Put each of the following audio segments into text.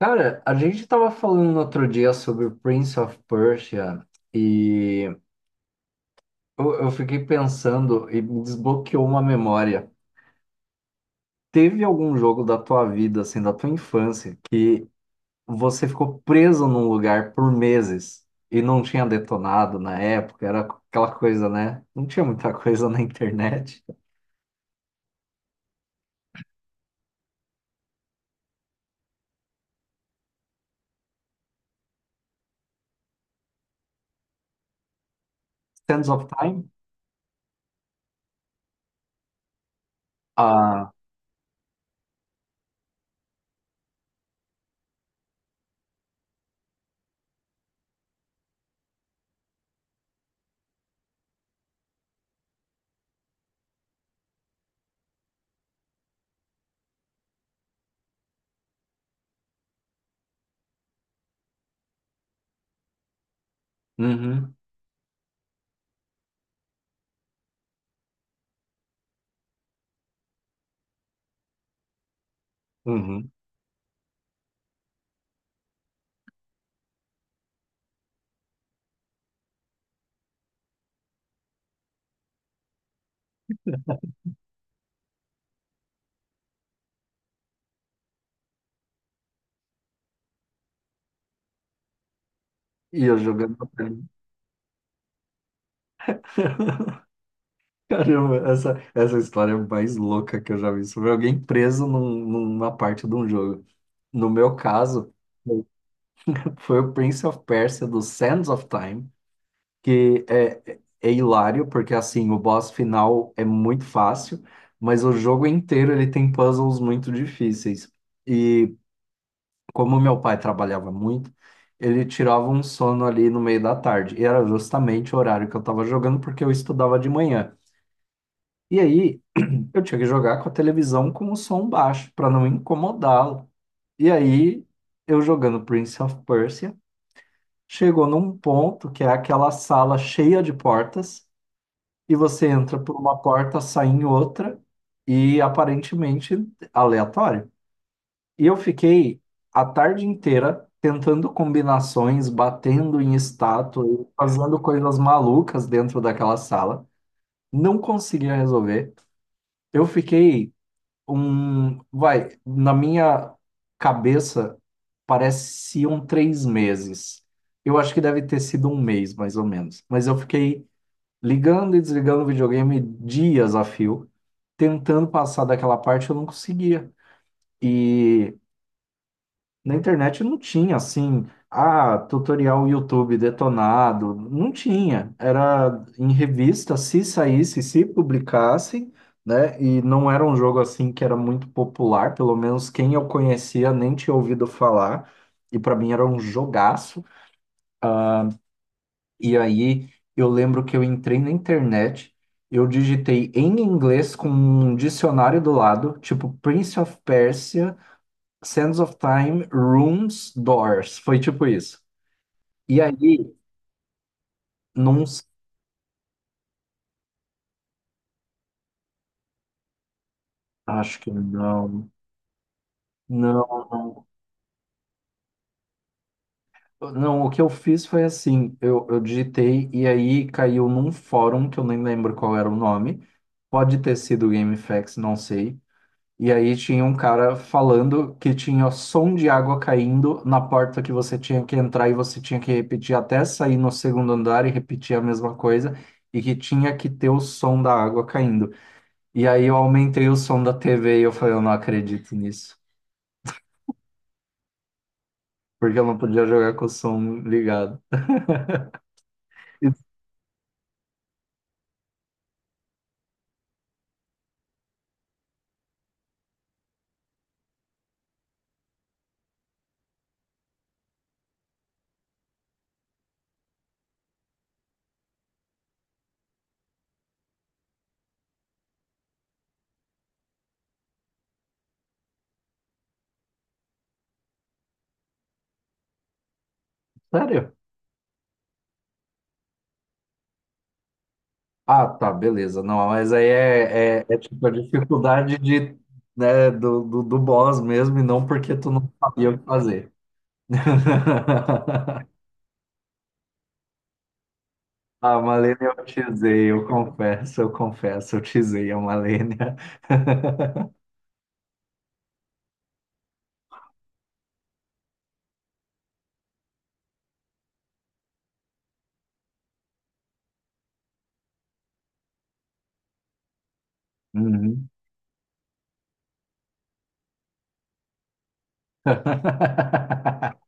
Cara, a gente tava falando no outro dia sobre o Prince of Persia e eu fiquei pensando e me desbloqueou uma memória. Teve algum jogo da tua vida, assim, da tua infância, que você ficou preso num lugar por meses e não tinha detonado na época? Era aquela coisa, né? Não tinha muita coisa na internet. Sands of Time? Ah, uhum, uhum. E eu jogando. Pra Caramba, essa história é mais louca que eu já vi sobre alguém preso num- numa parte de um jogo. No meu caso, foi o Prince of Persia do Sands of Time, que é hilário, porque assim, o boss final é muito fácil, mas o jogo inteiro ele tem puzzles muito difíceis. E como meu pai trabalhava muito, ele tirava um sono ali no meio da tarde, e era justamente o horário que eu estava jogando, porque eu estudava de manhã. E aí, eu tinha que jogar com a televisão com o som baixo, para não incomodá-lo. E aí, eu jogando Prince of Persia, chegou num ponto que é aquela sala cheia de portas, e você entra por uma porta, sai em outra, e aparentemente aleatório. E eu fiquei a tarde inteira tentando combinações, batendo em estátua, fazendo coisas malucas dentro daquela sala. Não conseguia resolver. Eu fiquei um, vai, na minha cabeça pareciam três meses. Eu acho que deve ter sido um mês, mais ou menos. Mas eu fiquei ligando e desligando o videogame dias a fio, tentando passar daquela parte, eu não conseguia. E na internet não tinha assim, ah, tutorial YouTube detonado, não tinha. Era em revista, se saísse, se publicasse, né? E não era um jogo assim que era muito popular, pelo menos quem eu conhecia nem tinha ouvido falar, e para mim era um jogaço. E aí eu lembro que eu entrei na internet, eu digitei em inglês com um dicionário do lado, tipo Prince of Persia, Sands of Time, Rooms, Doors. Foi tipo isso. E aí, não, acho que não. Não, não, não. O que eu fiz foi assim: eu digitei e aí caiu num fórum que eu nem lembro qual era o nome. Pode ter sido GameFAQs, não sei. E aí tinha um cara falando que tinha som de água caindo na porta que você tinha que entrar e você tinha que repetir até sair no segundo andar e repetir a mesma coisa. E que tinha que ter o som da água caindo. E aí eu aumentei o som da TV e eu falei, eu não acredito nisso. Porque eu não podia jogar com o som ligado. E, sério? Ah, tá, beleza. Não, mas aí é tipo a dificuldade de, né, do boss mesmo, e não porque tu não sabia o que fazer. A Malenia eu tisei, eu confesso, eu confesso, eu tisei a Malenia. Uhum.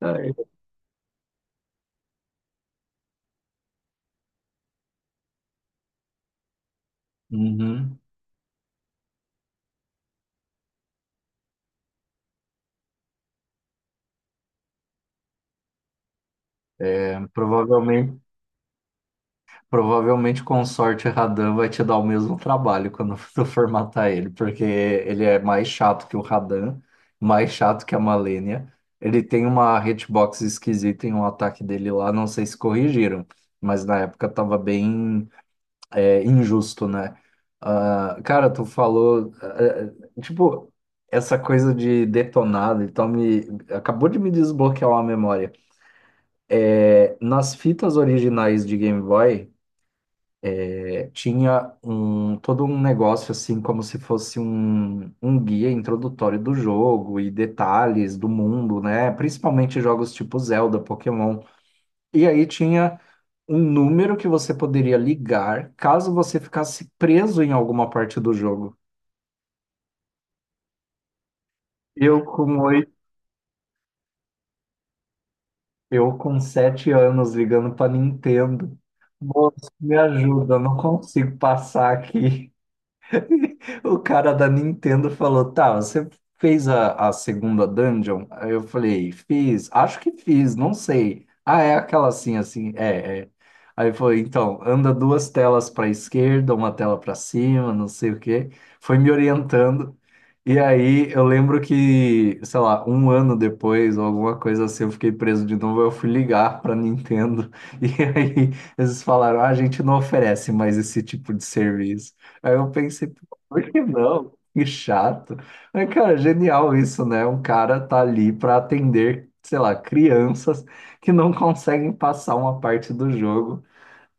Ai. Uhum. É, provavelmente. Provavelmente com sorte Radan vai te dar o mesmo trabalho quando tu formatar ele, porque ele é mais chato que o Radan, mais chato que a Malenia. Ele tem uma hitbox esquisita em um ataque dele lá, não sei se corrigiram, mas na época tava bem injusto, né? Ah, cara, tu falou, tipo, essa coisa de detonado, então me acabou de me desbloquear uma memória. É, nas fitas originais de Game Boy tinha um todo um negócio assim como se fosse um guia introdutório do jogo e detalhes do mundo, né? Principalmente jogos tipo Zelda, Pokémon. E aí tinha um número que você poderia ligar caso você ficasse preso em alguma parte do jogo. Eu com oito, eu com sete anos ligando para Nintendo. Moço, me ajuda, eu não consigo passar aqui. O cara da Nintendo falou: Tá, você fez a segunda dungeon? Aí eu falei: Fiz, acho que fiz, não sei. Ah, é aquela assim, assim, é, é. Aí foi: Então, anda duas telas para esquerda, uma tela para cima, não sei o quê. Foi me orientando. E aí eu lembro que, sei lá, um ano depois, ou alguma coisa assim, eu fiquei preso de novo. Eu fui ligar para Nintendo. E aí eles falaram: ah, a gente não oferece mais esse tipo de serviço. Aí eu pensei, por que não? Que chato. Mas, cara, genial isso, né? Um cara tá ali para atender, sei lá, crianças que não conseguem passar uma parte do jogo.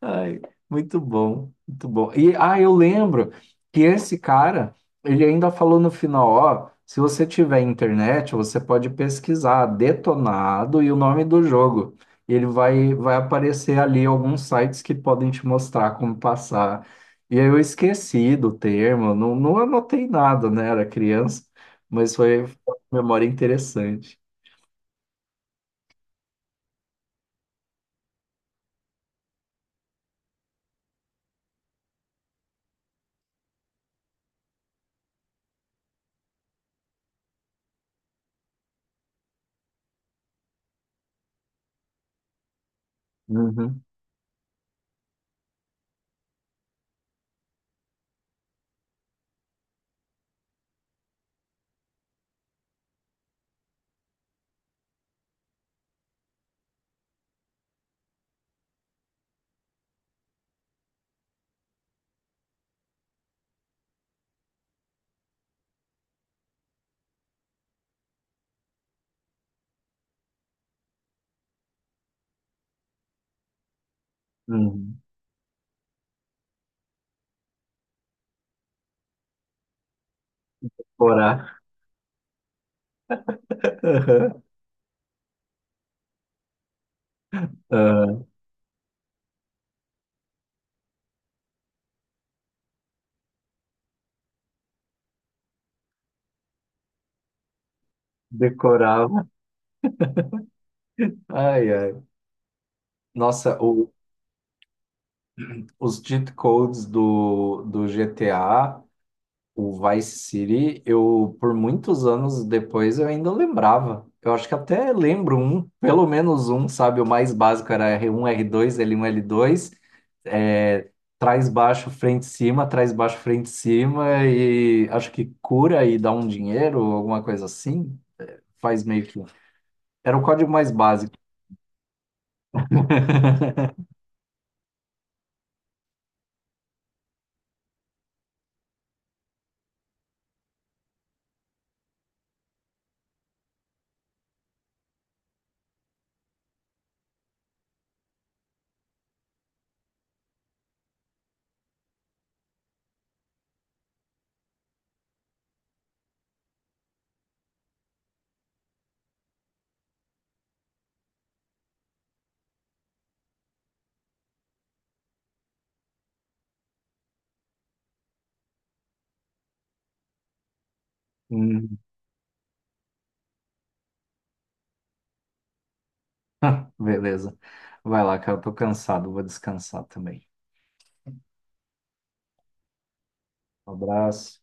Ai, muito bom, muito bom. E ah, eu lembro que esse cara, ele ainda falou no final, ó, se você tiver internet, você pode pesquisar Detonado e o nome do jogo. Ele vai aparecer ali alguns sites que podem te mostrar como passar. E aí eu esqueci do termo, não, não anotei nada, né? Era criança, mas foi, foi uma memória interessante. Uhum, uhum. Orar, aham, decorava. Ai, ai. Nossa, o- os cheat codes do GTA, o Vice City, eu por muitos anos depois eu ainda lembrava. Eu acho que até lembro um, pelo menos um, sabe? O mais básico era R1, R2, L1, L2, é, trás baixo, frente cima, trás baixo, frente cima, e acho que cura e dá um dinheiro, alguma coisa assim. Faz meio que. Era o código mais básico. Hum, beleza. Vai lá, cara, eu tô cansado, vou descansar também. Um abraço.